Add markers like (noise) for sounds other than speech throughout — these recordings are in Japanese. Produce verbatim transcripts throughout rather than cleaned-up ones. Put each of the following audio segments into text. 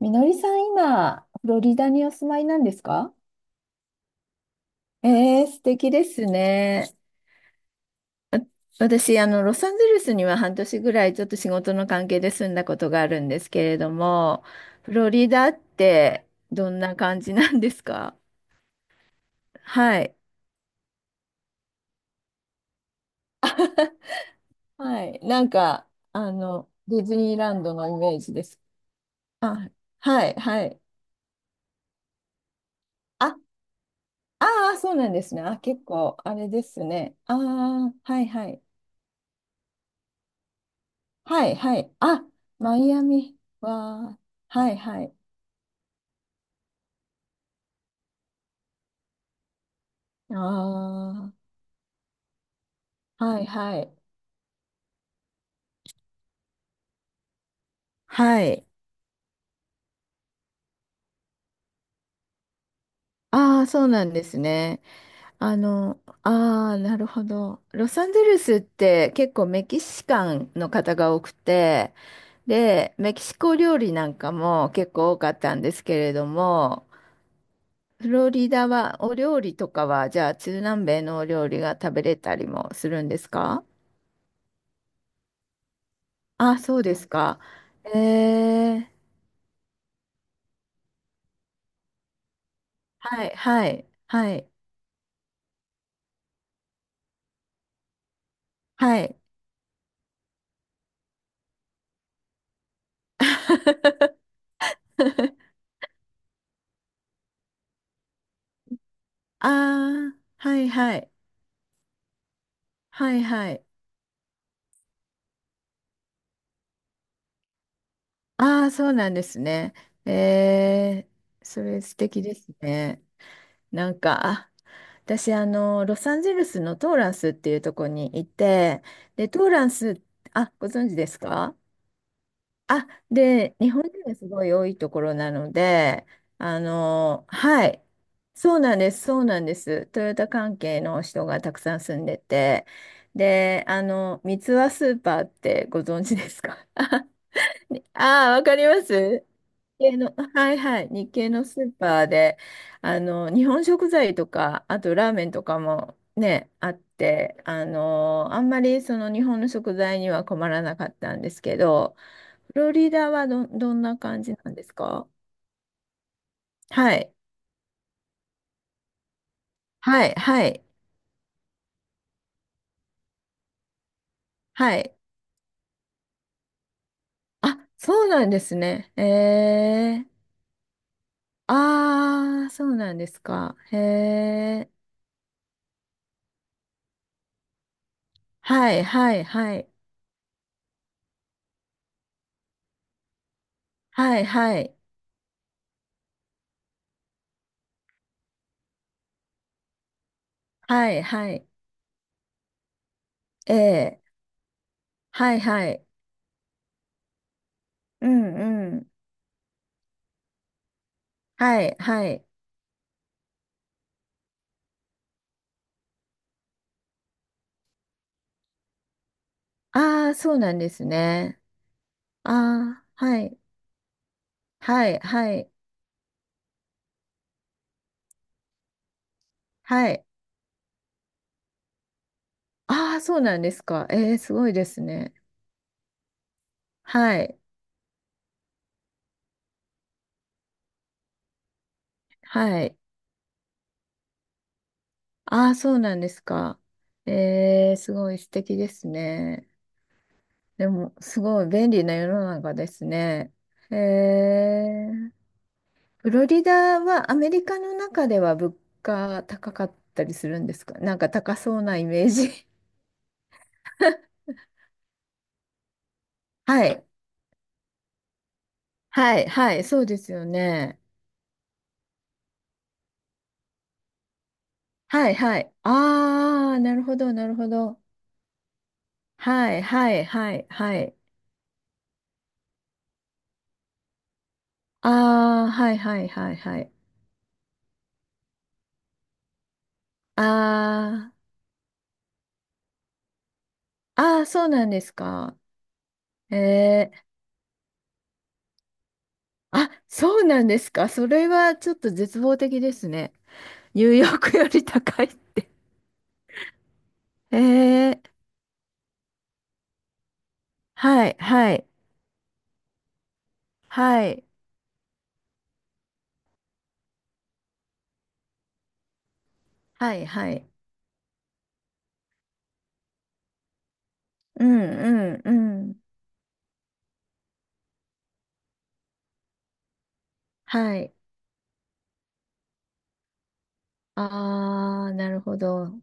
みのりさん、今、フロリダにお住まいなんですか？えー、素敵ですね。私、あの、ロサンゼルスには半年ぐらいちょっと仕事の関係で住んだことがあるんですけれども、フロリダってどんな感じなんですか？はい。(laughs) はい。なんか、あの、ディズニーランドのイメージです。あ、はい、はい。あ、ああ、そうなんですね。あ、結構、あれですね。ああ、はい、はい。はい、はい。あ、マイアミは、はい、はい。ああ、はい、はい。はい。ああ、そうなんですね。あの、ああ、なるほど。ロサンゼルスって結構メキシカンの方が多くて、で、メキシコ料理なんかも結構多かったんですけれども、フロリダはお料理とかは、じゃあ中南米のお料理が食べれたりもするんですか？あ、そうですか。えーはい、はい、はい、はい。ああ、はい、はい、はい、はい。ああ、そうなんですね。えー、それ素敵ですね。なんか、あ私、あの、ロサンゼルスのトーランスっていうところにいて、で、トーランス、あ、ご存知ですか？あ、で、日本人がすごい多いところなので、あの、はい、そうなんです、そうなんです。トヨタ関係の人がたくさん住んでて、で、あの、三ツ輪スーパーってご存知ですか？ (laughs) ああ、わかります。日系の、はいはい、日系のスーパーで、あの、日本食材とか、あとラーメンとかもね、あって、あの、あんまりその日本の食材には困らなかったんですけど、フロリダはど、どんな感じなんですか？はい。はい。はい。はい。あ、そうなんですね。ええ。ああ、そうなんですか。へえ。はい。はい。はい。はい。はい。はい。はい。ええ。はい。はい。うん。うん。はい。はい。ああ、そうなんですね。ああ、はい。はい。はい。はい。ああ、そうなんですか。ええ、すごいですね。はい。はい。ああ、そうなんですか。えー、すごい素敵ですね。でも、すごい便利な世の中ですね。えー、フロリダはアメリカの中では物価高かったりするんですか？なんか高そうなイメージ。(laughs) はい。はい、はい、そうですよね。はい、はい。ああ、なるほど、なるほど。はい、はい、はい、はい。ああ、はい、はい、はい、はい。ああ、ああ、そうなんですか。えー、あ、そうなんですか。それはちょっと絶望的ですね。ニューヨークより高いって。えー、はい、はい、はい、はい、はい。うん、うん、うん。はい。あー、なるほど。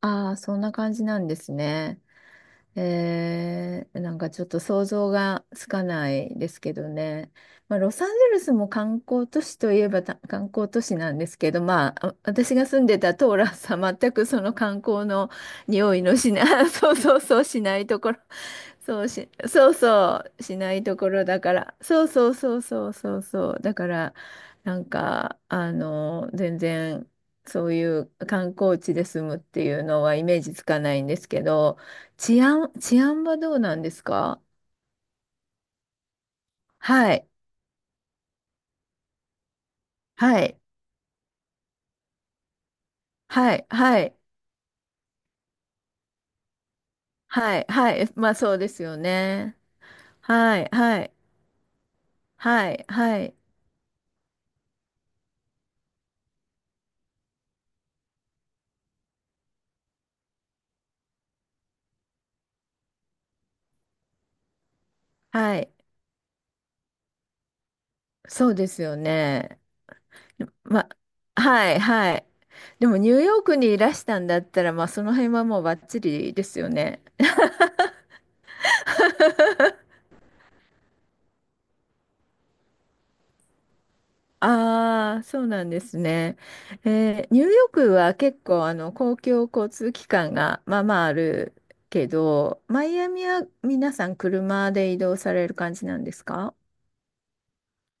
あー、そんな感じなんですね。えー、なんかちょっと想像がつかないですけどね。まあ、ロサンゼルスも観光都市といえばた観光都市なんですけど、まあ、あ私が住んでたトーラスは全くその観光の匂いのしない、(laughs) そうそうそうしないところそうし、そうそう、しないところだから、そうそうそうそうそうそう、だから、なんか、あの、全然、そういう観光地で住むっていうのはイメージつかないんですけど、治安、治安はどうなんですか？はい、はい、はい、はい、はい、はい、まあそうですよね。はい、はい、はい、はい、はい、そうですよね。ま、はいはい。でもニューヨークにいらしたんだったら、まあ、その辺はもうバッチリですよね。ああ、そうなんですね。えーニューヨークは結構あの公共交通機関がまあまああるけど、マイアミは皆さん車で移動される感じなんですか？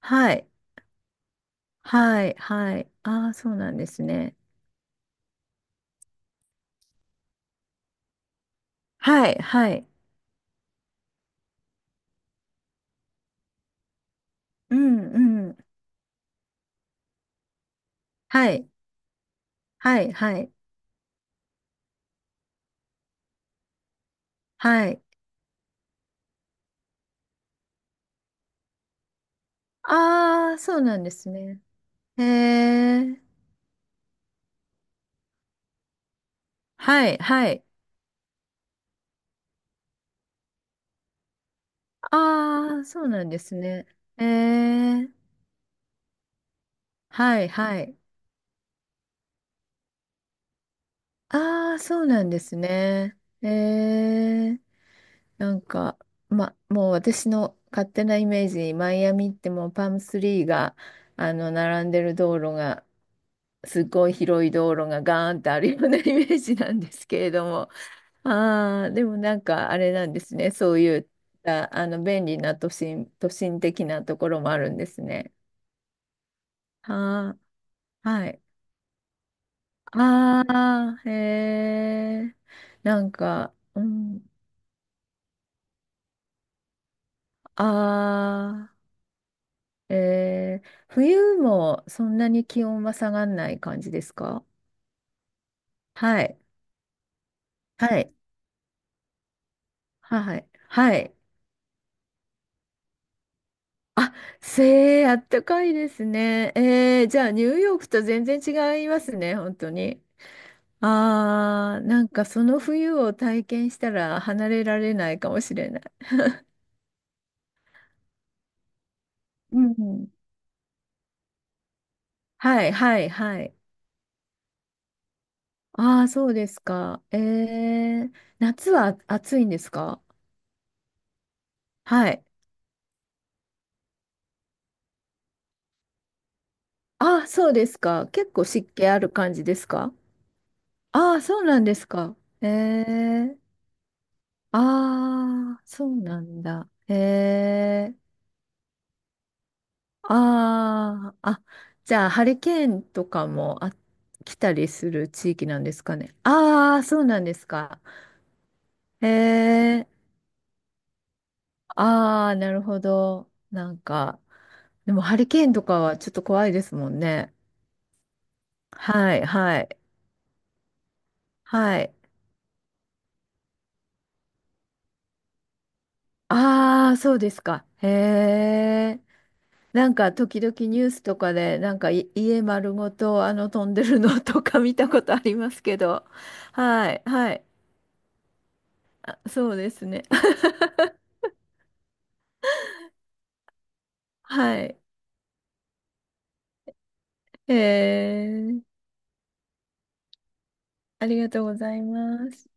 はい、はい、はい。ああ、そうなんですね。はい、はい。うん、うん。はい、はい、はい、はい。ああ、そうなんですね。へえ、はい、はい。ああ、そうなんですね。ええ、はい、はい。ああ、そうなんですね。ええ、なんか、ま、もう私の勝手なイメージ、マイアミってもうパームスリーが、あの、並んでる道路が、すごい広い道路がガーンってあるような (laughs) イメージなんですけれども。ああ、でもなんかあれなんですね。そういった、あの、便利な都心、都心的なところもあるんですね。はー、はい。ああ、へえ。なんか、うん、ああ、えー、冬もそんなに気温は下がんない感じですか？はい。はい。はい。はい。あ、せー、あったかいですね。えー、じゃあニューヨークと全然違いますね、本当に。ああ、なんかその冬を体験したら離れられないかもしれない。うん。はい、はい、はい。ああ、そうですか。えー夏は暑いんですか？はい。ああ、そうですか。結構湿気ある感じですか？ああ、そうなんですか。ええ、ああ、そうなんだ。ええ、ああ、あ、じゃあ、ハリケーンとかもあ、来たりする地域なんですかね。ああ、そうなんですか。ええ、ああ、なるほど。なんか、でもハリケーンとかはちょっと怖いですもんね。はい、はい、はい。ああ、そうですか。へえ。なんか時々ニュースとかで、なんかい家丸ごとあの飛んでるのとか見たことありますけど。はい、はい。あそうですね。(laughs) はい。へえ。ありがとうございます。